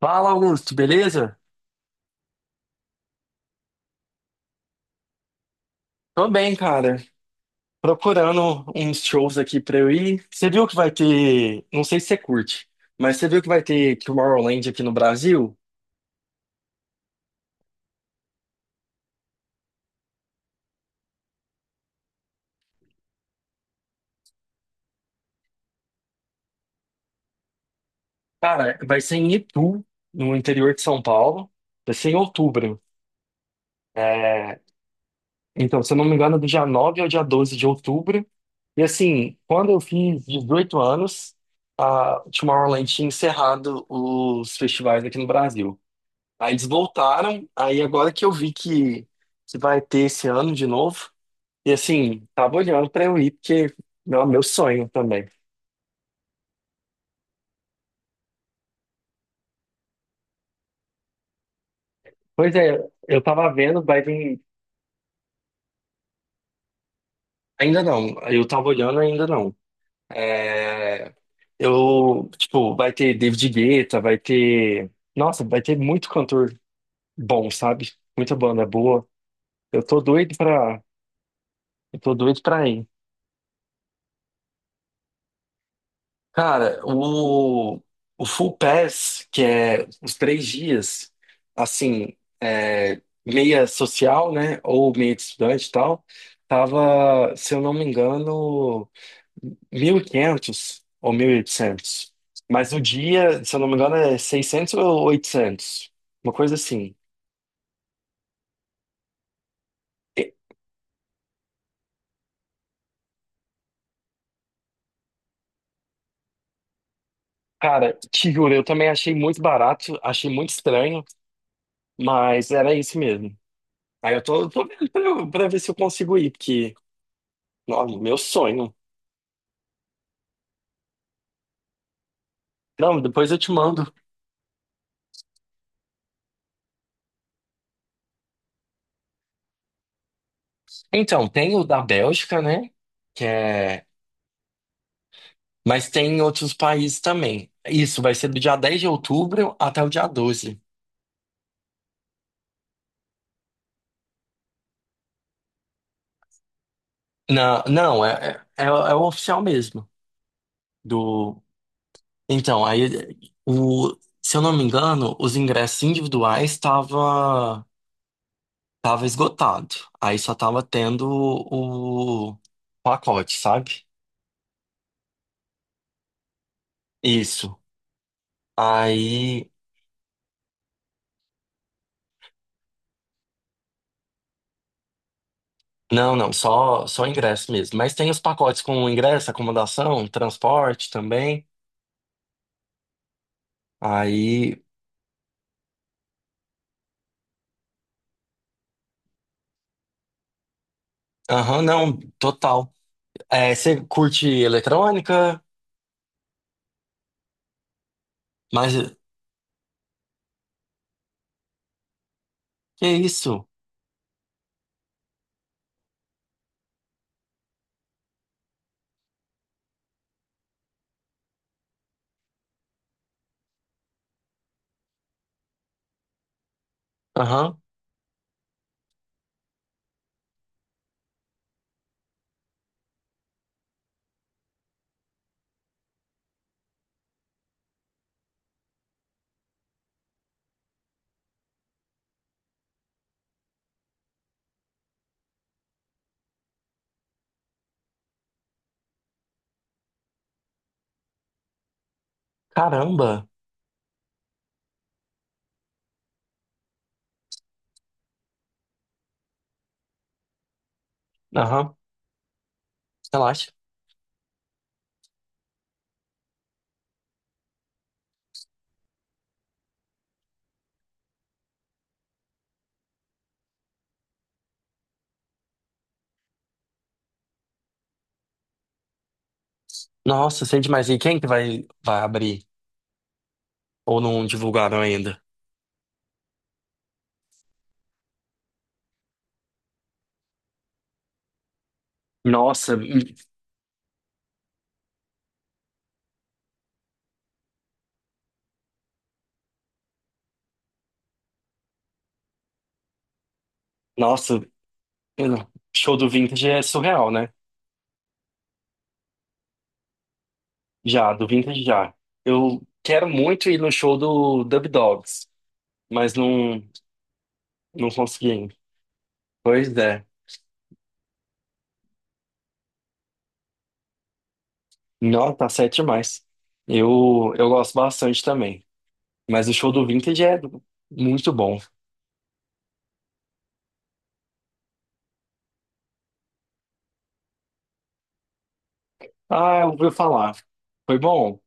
Fala, Augusto, beleza? Tô bem, cara. Procurando uns shows aqui pra eu ir. Você viu que vai ter. Não sei se você curte, mas você viu que vai ter Tomorrowland aqui no Brasil? Cara, vai ser em Itu, no interior de São Paulo. Vai ser em outubro. É, então, se eu não me engano, é do dia 9 ao dia 12 de outubro. E assim, quando eu fiz 18 anos, a Tomorrowland tinha encerrado os festivais aqui no Brasil. Aí eles voltaram, aí agora que eu vi que vai ter esse ano de novo, e assim, tava olhando pra eu ir, porque meu sonho também. Pois é, eu tava vendo, vai vir. Ainda não, eu tava olhando, ainda não. É, eu, tipo, vai ter David Guetta, vai ter. Nossa, vai ter muito cantor bom, sabe? Muita banda boa. Eu tô doido pra. Eu tô doido pra ir. Cara, o Full Pass, que é os 3 dias, assim, é, meia social, né, ou meia de estudante e tal, tava, se eu não me engano, 1.500 ou 1.800. Mas o dia, se eu não me engano, é 600 ou 800, uma coisa assim. E, cara, te juro, eu também achei muito barato, achei muito estranho, mas era isso mesmo. Aí eu tô vendo pra, pra ver se eu consigo ir, porque. Nossa, meu sonho. Não, depois eu te mando. Então, tem o da Bélgica, né? Que é... Mas tem em outros países também. Isso vai ser do dia 10 de outubro até o dia 12. Não, não, é o oficial mesmo. Do... Então, aí, o... se eu não me engano, os ingressos individuais estava tava esgotado. Aí só tava tendo o pacote, sabe? Isso. Aí. Não, não, só ingresso mesmo. Mas tem os pacotes com ingresso, acomodação, transporte também. Aí, aham, não, total. É, você curte eletrônica? Mas que isso? Aham, caramba. Aham, relaxa. Nossa, sente mais. E quem que vai abrir? Ou não divulgaram ainda? Nossa, nossa, eu não- show do Vintage é surreal, né? Já, do Vintage já. Eu quero muito ir no show do Dub Dogs, mas não. Não consegui ainda. Pois é. Não, tá certo demais. Eu gosto bastante também. Mas o show do Vintage é muito bom. Ah, eu ouvi falar. Foi bom?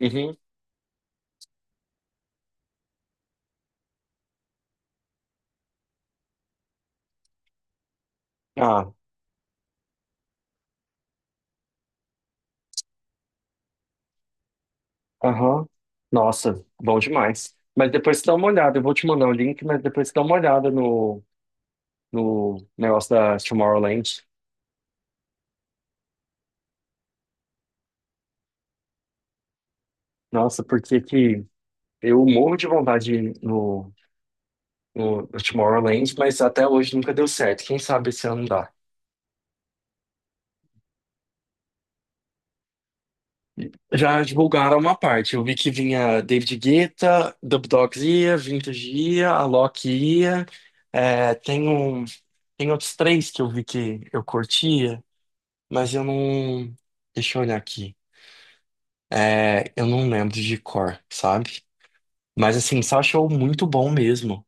Uhum. Ah, aham. Nossa, bom demais. Mas depois você dá uma olhada. Eu vou te mandar o link, mas depois você dá uma olhada no negócio da Tomorrowland. Nossa, porque que eu morro de vontade de ir no Tomorrowland, mas até hoje nunca deu certo. Quem sabe esse ano dá. Já divulgaram uma parte. Eu vi que vinha David Guetta, Dub Dogs ia, Vintage ia, Alok ia. É, tem um, tem outros três que eu vi que eu curtia, mas eu não. Deixa eu olhar aqui. É, eu não lembro de cor, sabe? Mas assim, só show muito bom mesmo.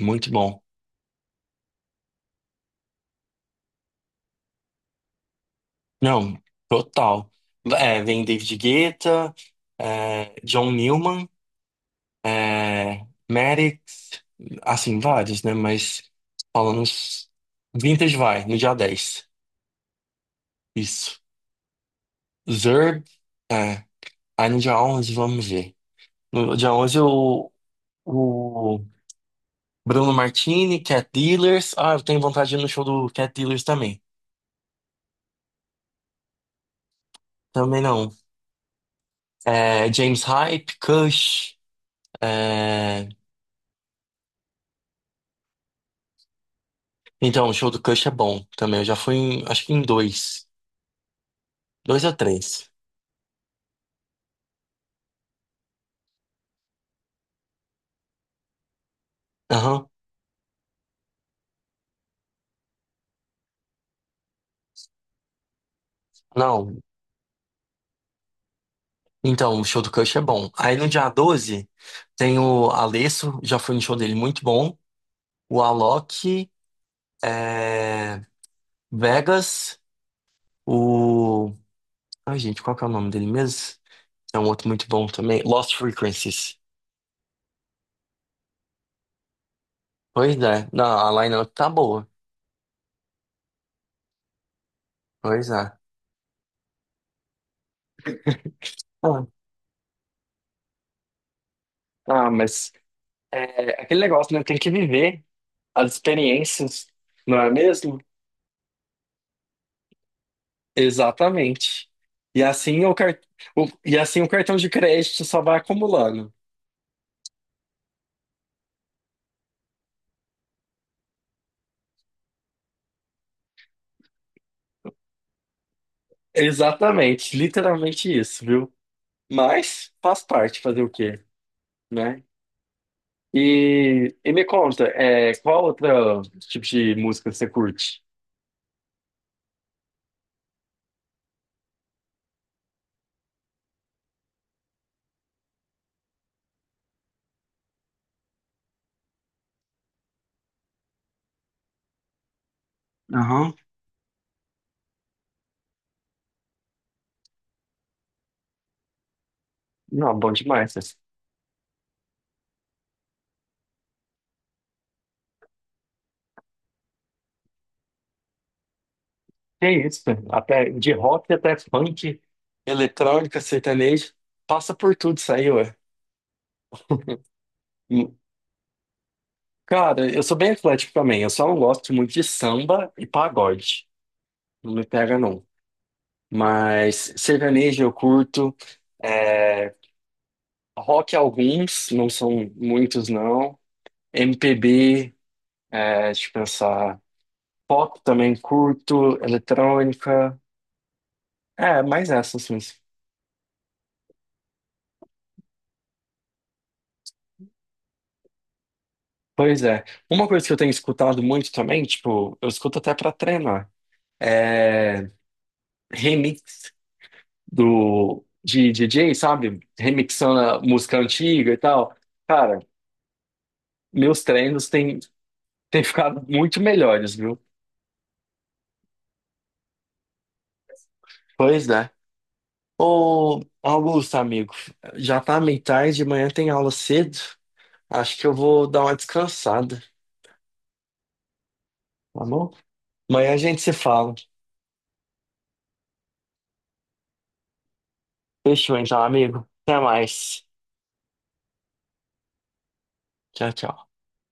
Muito bom. Não, total. É, vem David Guetta, é, John Newman. É, Maddox, assim, vários, né? Mas falando uns Vintage vai, no dia 10. Isso. Zurb, é. Aí no dia 11, vamos ver. No dia 11 o Bruno Martini, Cat Dealers. Ah, eu tenho vontade de ir no show do Cat Dealers também. Também não. É, James Hype, Kush. É, então, o show do Kush é bom também. Eu já fui, acho que em dois. Dois ou três. Aham. Não. Então, o show do Kush é bom. Aí no dia 12 tem o Alesso, já fui no show dele, muito bom. O Alok, é, Vegas, o. Ai, gente, qual que é o nome dele mesmo? É um outro muito bom também. Lost Frequencies. Pois é. Não, a line-up tá boa. Pois é. Ah, ah, mas é aquele negócio, né? Tem que viver as experiências, não é mesmo? Exatamente. E assim o, car... E assim o cartão de crédito só vai acumulando. Exatamente, literalmente isso, viu? Mas faz parte fazer o quê, né? E me conta, é, qual outro tipo de música você curte? Aham. Não, bom demais. César. Que isso, cara? Até de rock até funk, eletrônica, sertanejo, passa por tudo isso aí, ué. Hum, Cara, eu sou bem eclético também, eu só não gosto muito de samba e pagode. Não me pega, não. Mas sertanejo eu curto, é, rock alguns, não são muitos não. MPB, é, deixa eu pensar. Pop também curto, eletrônica. É, mais essas mesmo. Pois é. Uma coisa que eu tenho escutado muito também, tipo, eu escuto até pra treinar, é remix do de DJ, sabe? Remixando a música antiga e tal. Cara, meus treinos têm ficado muito melhores, viu? Pois é. Ô, Augusto, amigo, já tá meio tarde, amanhã tem aula cedo. Acho que eu vou dar uma descansada, tá bom? Amanhã a gente se fala. Fechou então, amigo. Até mais. Tchau, tchau.